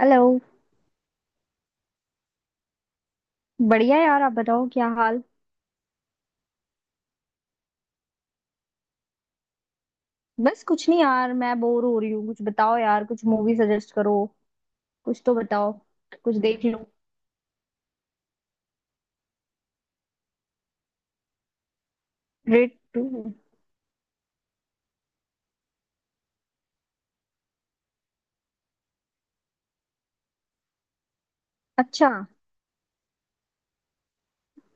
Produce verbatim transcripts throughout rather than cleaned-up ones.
Hello. बढ़िया यार, आप बताओ क्या हाल। बस कुछ नहीं यार, मैं बोर हो रही हूँ। कुछ बताओ यार, कुछ मूवी सजेस्ट करो। कुछ तो बताओ। कुछ देख लूं। Red to. अच्छा,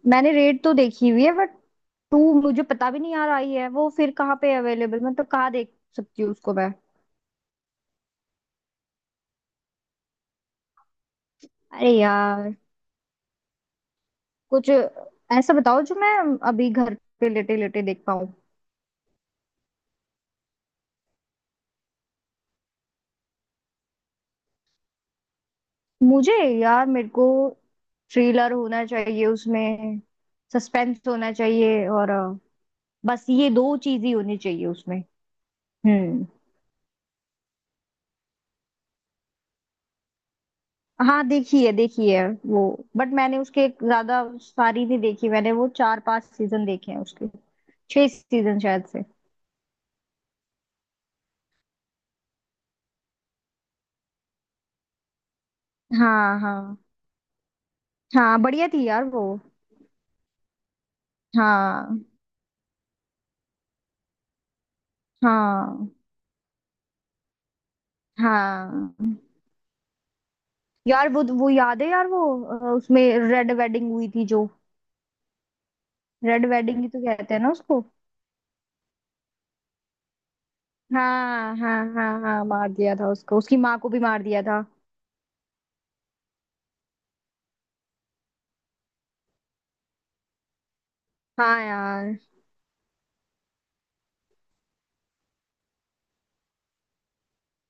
मैंने रेड तो देखी हुई है, बट टू मुझे पता भी नहीं यार आई है वो। फिर कहाँ पे अवेलेबल, मतलब कहाँ देख सकती हूँ उसको मैं। अरे यार, कुछ ऐसा बताओ जो मैं अभी घर पे लेटे लेटे देख पाऊँ। मुझे यार, मेरे को थ्रिलर होना चाहिए उसमें, सस्पेंस होना चाहिए, और बस ये दो चीज ही होनी चाहिए उसमें। हम्म। हाँ, देखी है देखी है वो। बट मैंने उसके ज्यादा सारी नहीं देखी। मैंने वो चार पांच सीजन देखे हैं उसके, छह सीजन शायद से। हाँ हाँ हाँ, बढ़िया थी यार वो। हाँ हाँ हाँ यार वो वो याद है यार वो, अ, उसमें रेड वेडिंग हुई थी जो। रेड वेडिंग ही तो कहते हैं ना उसको। हाँ हाँ हाँ हाँ, मार दिया था उसको, उसकी माँ को भी मार दिया था। हाँ यार।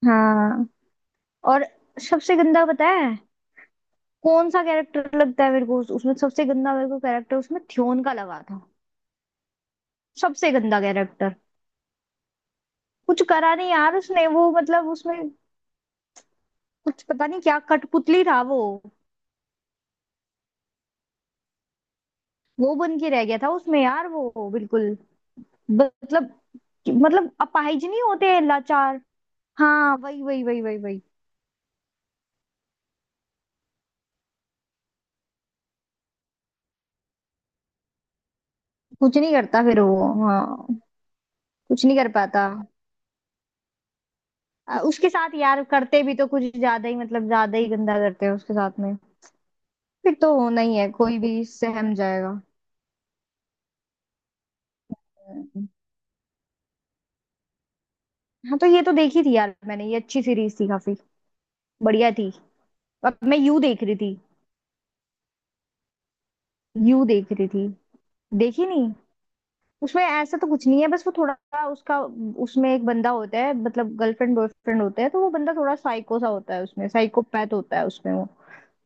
हाँ। और सबसे गंदा पता है कौन सा कैरेक्टर लगता है मेरे को उस- उसमें? सबसे गंदा मेरे को कैरेक्टर उसमें थ्योन का लगा था। सबसे गंदा कैरेक्टर। कुछ करा नहीं यार उसने वो, मतलब उसमें। कुछ पता नहीं, क्या कठपुतली था वो। वो बन के रह गया था उसमें यार वो बिल्कुल। ब- मतलब, मतलब अपाहिज नहीं होते हैं लाचार। हाँ वही वही वही वही वही। कुछ नहीं करता फिर वो, हाँ। कुछ नहीं कर पाता। अ, उसके साथ यार करते भी तो कुछ ज्यादा ही, मतलब ज्यादा ही गंदा करते हैं उसके साथ में। फिर तो होना ही है, कोई भी सहम जाएगा। हम्म। हाँ तो ये तो देखी थी यार मैंने, ये अच्छी सीरीज थी काफी। बढ़िया थी। अब मैं यू देख रही थी। यू देख रही थी। देखी नहीं। उसमें ऐसा तो कुछ नहीं है, बस वो थोड़ा उसका, उसमें एक बंदा होता है, मतलब गर्लफ्रेंड बॉयफ्रेंड होते हैं तो वो बंदा थोड़ा साइको सा होता है उसमें, साइकोपैथ होता है उसमें वो।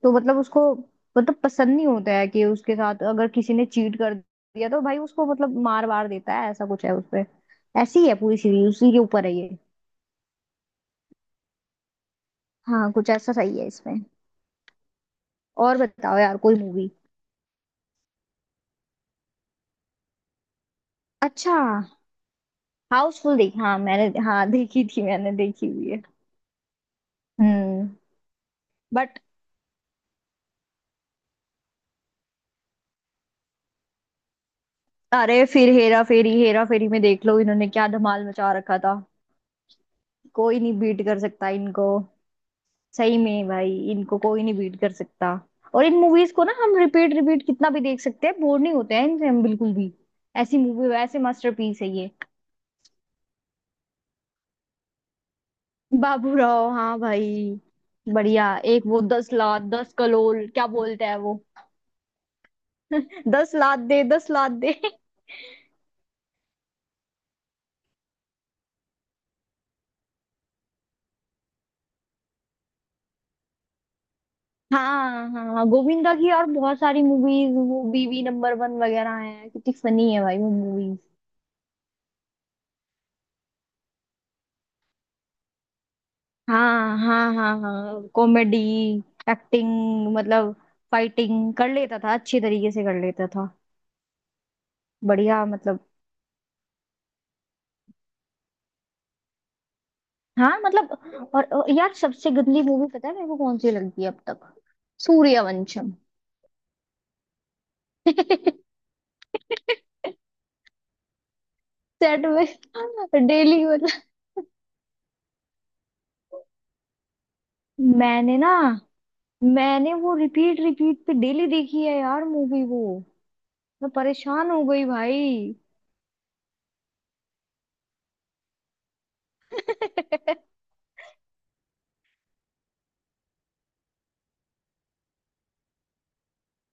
तो मतलब उसको, मतलब पसंद नहीं होता है कि उसके साथ अगर किसी ने चीट कर दिया तो भाई उसको मतलब मार वार देता है, ऐसा कुछ है उसपे। ऐसी है पूरी सीरीज, उसी के ऊपर है ये। हाँ कुछ ऐसा सही है इसमें। और बताओ यार, कोई मूवी। अच्छा। हाउसफुल देखी हाँ मैंने, हाँ देखी थी मैंने, देखी हुई है। हम्म। बट अरे फिर हेरा फेरी, हेरा फेरी में देख लो इन्होंने क्या धमाल मचा रखा था। कोई नहीं बीट कर सकता इनको। सही में भाई, इनको कोई नहीं बीट कर सकता। और इन मूवीज को ना हम रिपीट रिपीट कितना भी देख सकते हैं, बोर नहीं होते हैं इनसे हम बिल्कुल भी। ऐसी मूवी वैसे, मास्टरपीस है ये। बाबूराव हाँ भाई। बढ़िया। एक वो दस लाख, दस कलोल क्या बोलते हैं वो। दस लाख दे, दस लाख दे। हाँ हाँ हाँ, गोविंदा की और बहुत सारी मूवीज, वो बीवी नंबर वन वगैरह हैं, कितनी फनी है भाई वो मूवीज। हाँ हाँ हाँ हाँ, कॉमेडी। एक्टिंग। मतलब फाइटिंग कर लेता था, अच्छी तरीके से कर लेता था। बढ़िया, मतलब। हाँ, मतलब और और यार, सबसे गंदी मूवी पता है मेरे को कौन सी लगती है अब तक? सूर्यवंशम। सेट में डेली वाला। मैंने ना, मैंने वो रिपीट रिपीट पे डेली देखी है यार मूवी वो। मैं परेशान हो गई भाई।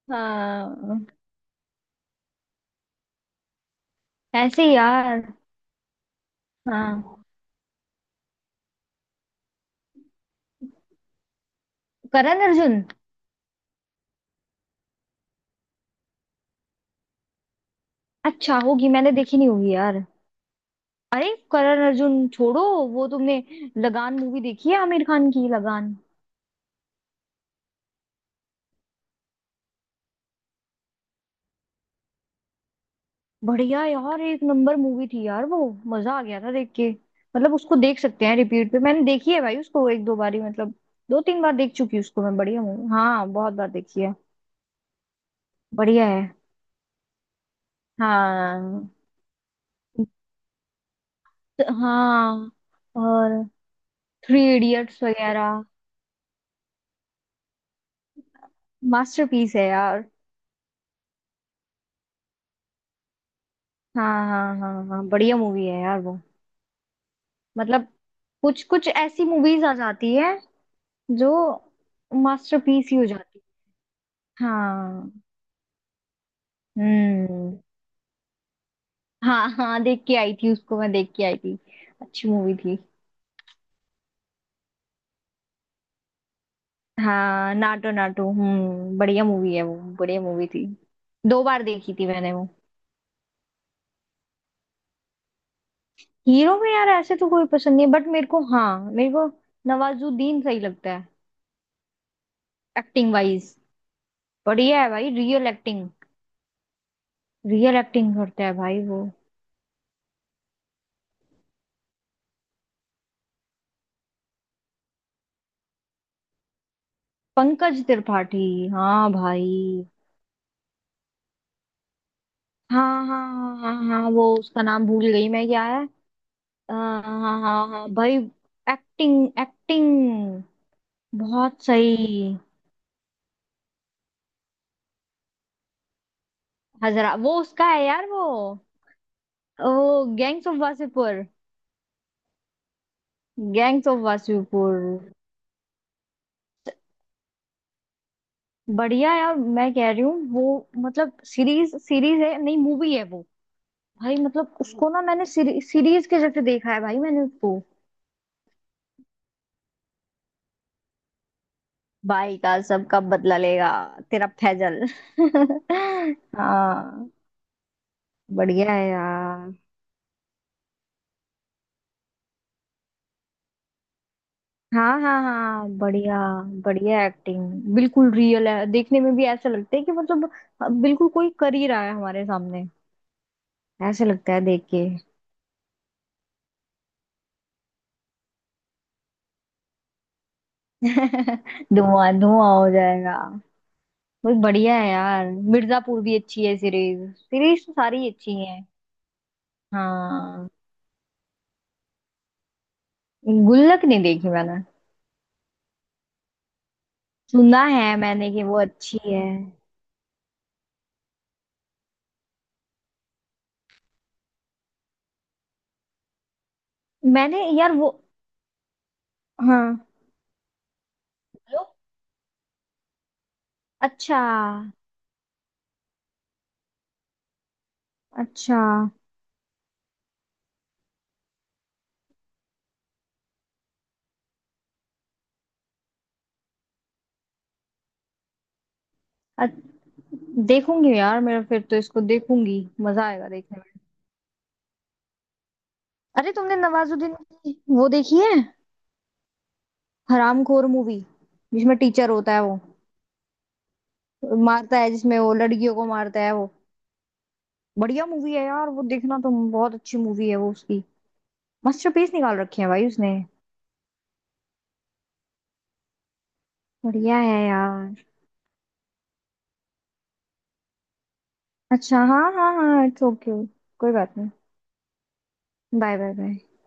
हाँ, ऐसे ही यार। हाँ। करण अर्जुन। अच्छा होगी, मैंने देखी नहीं होगी यार। अरे करण अर्जुन छोड़ो, वो तुमने लगान मूवी देखी है आमिर खान की, लगान। बढ़िया यार, एक नंबर मूवी थी यार वो। मजा आ गया था देख के। मतलब उसको देख सकते हैं रिपीट पे, मैंने देखी है भाई उसको, एक दो बारी मतलब। दो तीन बार देख चुकी हूँ उसको मैं, बढ़िया मूवी, हाँ, बहुत बार देखी है। बढ़िया है। हाँ। त- हाँ। और थ्री इडियट्स वगैरह मास्टरपीस है यार। हाँ हाँ हाँ हाँ, बढ़िया मूवी है यार वो। मतलब कुछ कुछ ऐसी मूवीज आ जाती है जो मास्टरपीस ही हो जाती है। हाँ। हम्म। हाँ हाँ, देख के आई थी उसको मैं, देख के आई थी। अच्छी मूवी थी। हाँ, नाटो नाटो, हम्म, बढ़िया मूवी है वो। बढ़िया मूवी थी, दो बार देखी थी मैंने वो। हीरो में यार ऐसे तो कोई पसंद नहीं है, बट मेरे को, हाँ, मेरे को नवाजुद्दीन सही लगता है। Acting wise. बढ़िया है भाई, रियल एक्टिंग। रियल एक्टिंग करता है भाई वो। पंकज त्रिपाठी। हाँ भाई। हाँ हाँ हाँ हाँ। हाँ वो उसका नाम भूल गई मैं, क्या है। अ, हाँ हाँ हाँ भाई। Acting, acting. बहुत सही। हजरा वो उसका है यार वो वो gangs of Wasseypur. Gangs of Wasseypur. बढ़िया यार, मैं कह रही हूँ वो। मतलब सीरीज सीरीज है नहीं, मूवी है वो। भाई मतलब उसको ना मैंने सीरी, सीरीज के जैसे देखा है भाई मैंने उसको। भाई का सब कब बदला लेगा। तेरा फैजल। हाँ। बढ़िया है यार। हाँ हाँ हाँ, बढ़िया। बढ़िया एक्टिंग। बिल्कुल रियल है, देखने में भी ऐसा लगता है कि मतलब हाँ, बिल्कुल कोई कर ही रहा है हमारे सामने। ऐसे लगता है देख के। धुआं धुआं हो जाएगा। बहुत बढ़िया है यार। मिर्जापुर भी अच्छी है सीरीज। सीरीज तो सारी अच्छी है। हाँ। गुल्लक नहीं देखी मैंने। सुना है मैंने कि वो अच्छी है। मैंने यार वो। हाँ। हेलो? अच्छा। अच्छा। अच्छ- देखूंगी यार मेरा, फिर तो इसको देखूंगी, मजा आएगा देखने में। अरे तुमने नवाजुद्दीन की वो देखी है, हरामखोर मूवी, जिसमें टीचर होता है वो, मारता है जिसमें, वो लड़कियों को मारता है वो। बढ़िया मूवी है यार वो, देखना तुम, बहुत अच्छी मूवी है वो उसकी। मास्टरपीस निकाल रखे हैं भाई उसने। बढ़िया है यार। अच्छा हाँ हाँ हाँ, इट्स ओके। कोई बात नहीं। Bye bye bye.